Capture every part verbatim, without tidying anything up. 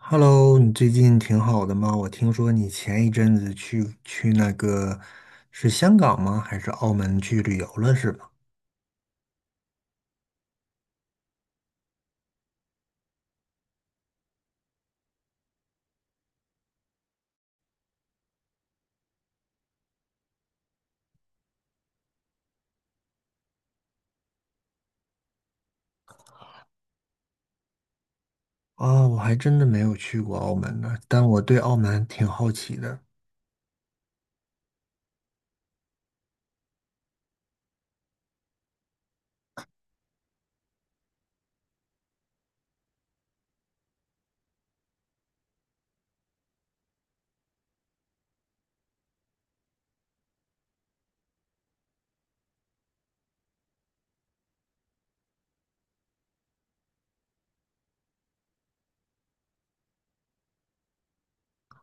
Hello，你最近挺好的吗？我听说你前一阵子去去那个是香港吗？还是澳门去旅游了是吧？啊，我还真的没有去过澳门呢，但我对澳门挺好奇的。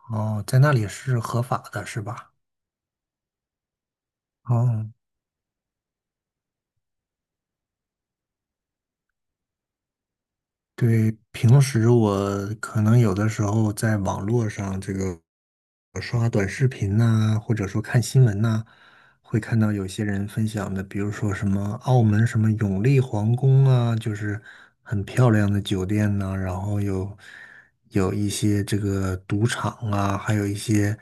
哦，在那里是合法的是吧？哦，对，平时我可能有的时候在网络上这个刷短视频呐、或者说看新闻呐、会看到有些人分享的，比如说什么澳门什么永利皇宫啊，就是很漂亮的酒店呐、然后有有一些这个赌场啊，还有一些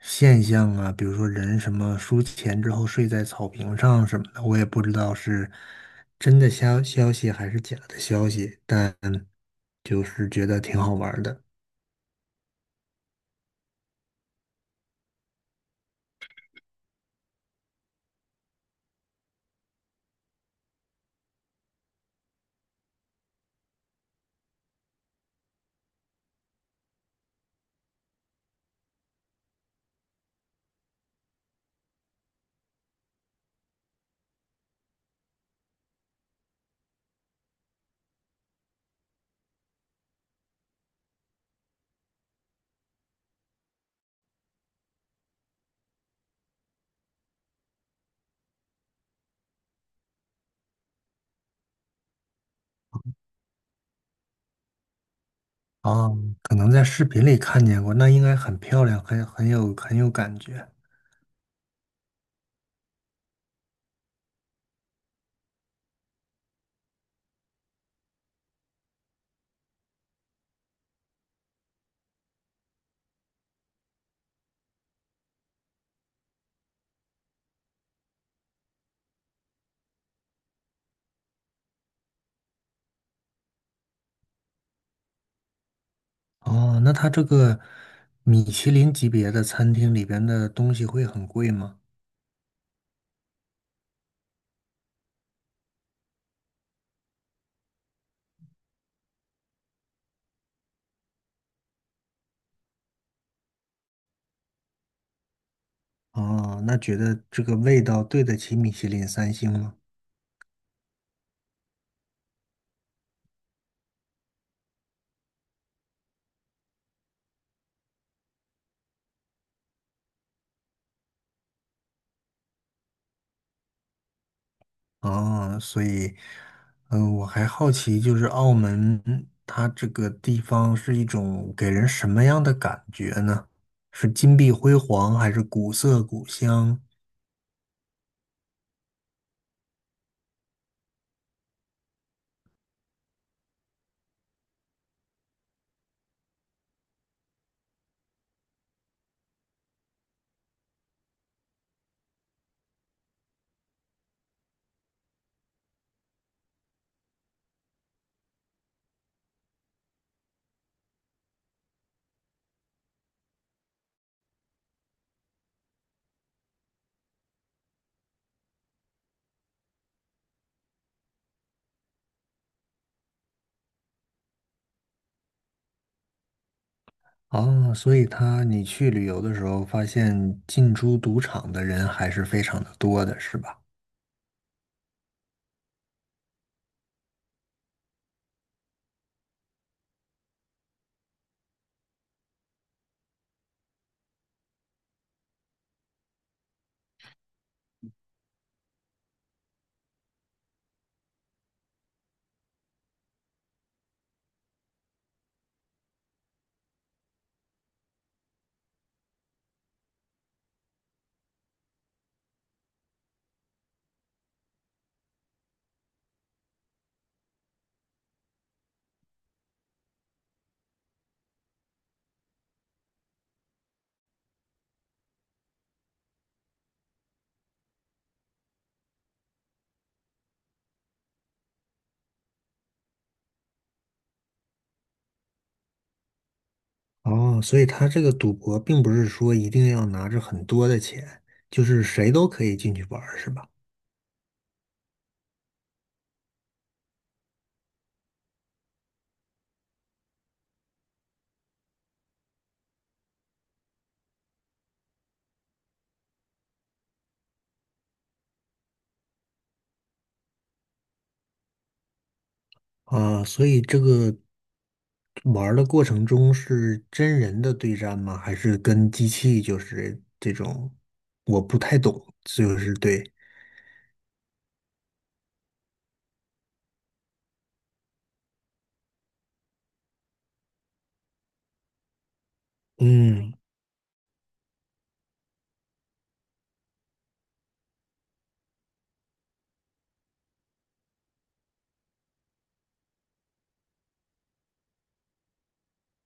现象啊，比如说人什么输钱之后睡在草坪上什么的，我也不知道是真的消消息还是假的消息，但就是觉得挺好玩儿的。啊。可能在视频里看见过，那应该很漂亮，很很有很有感觉。哦，那它这个米其林级别的餐厅里边的东西会很贵吗？哦，那觉得这个味道对得起米其林三星吗？哦，所以，嗯、我还好奇，就是澳门它这个地方是一种给人什么样的感觉呢？是金碧辉煌，还是古色古香？哦，所以它你去旅游的时候，发现进出赌场的人还是非常的多的，是吧？哦，所以他这个赌博并不是说一定要拿着很多的钱，就是谁都可以进去玩儿是吧？啊，所以这个玩儿的过程中是真人的对战吗？还是跟机器就是这种？我不太懂，就是对，嗯，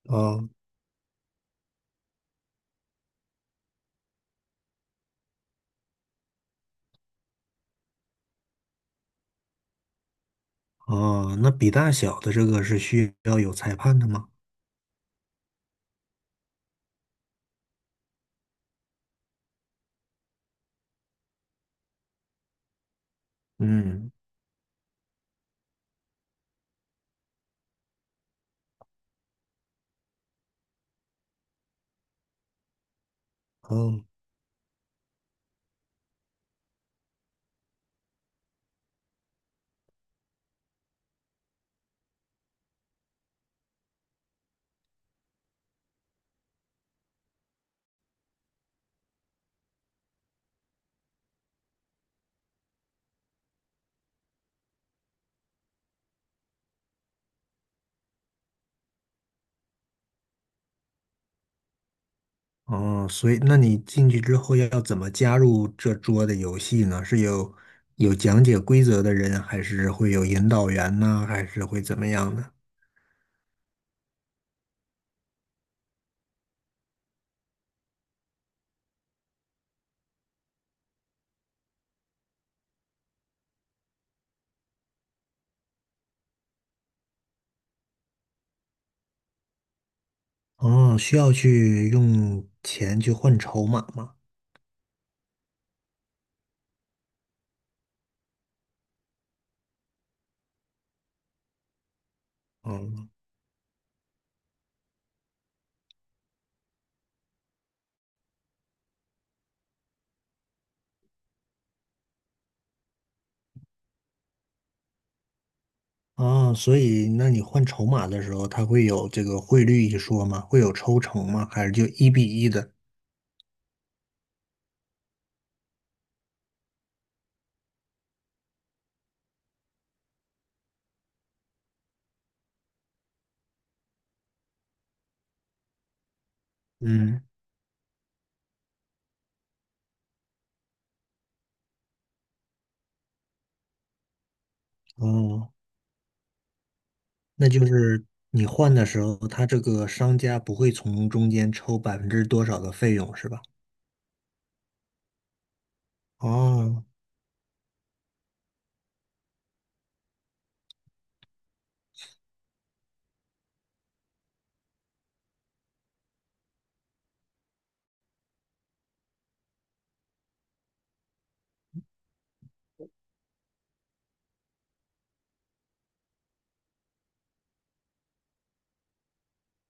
哦哦，那比大小的这个是需要有裁判的吗？嗯，哦。哦，所以那你进去之后要怎么加入这桌的游戏呢？是有有讲解规则的人，还是会有引导员呢？还是会怎么样呢？哦，需要去用钱去换筹码吗？哦，哦，所以那你换筹码的时候，他会有这个汇率一说吗？会有抽成吗？还是就一比一的？嗯，哦，那就是你换的时候，他这个商家不会从中间抽百分之多少的费用是吧？哦，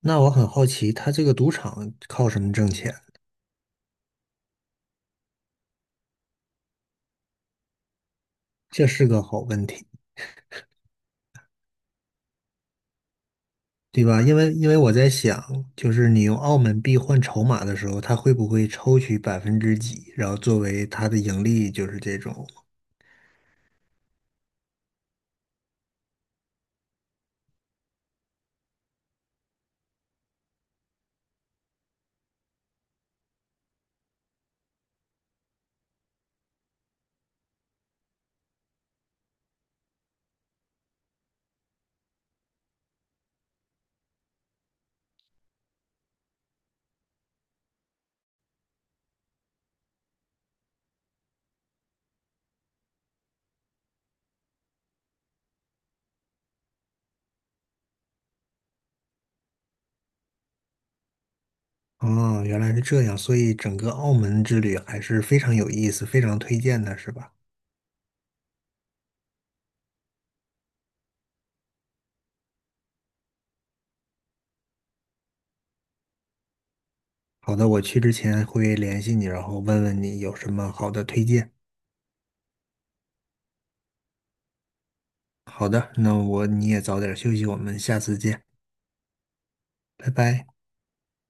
那我很好奇，他这个赌场靠什么挣钱？这是个好问题，对吧？因为因为我在想，就是你用澳门币换筹码的时候，他会不会抽取百分之几，然后作为他的盈利，就是这种。哦，原来是这样，所以整个澳门之旅还是非常有意思，非常推荐的，是吧？好的，我去之前会联系你，然后问问你有什么好的推荐。好的，那我你也早点休息，我们下次见，拜拜。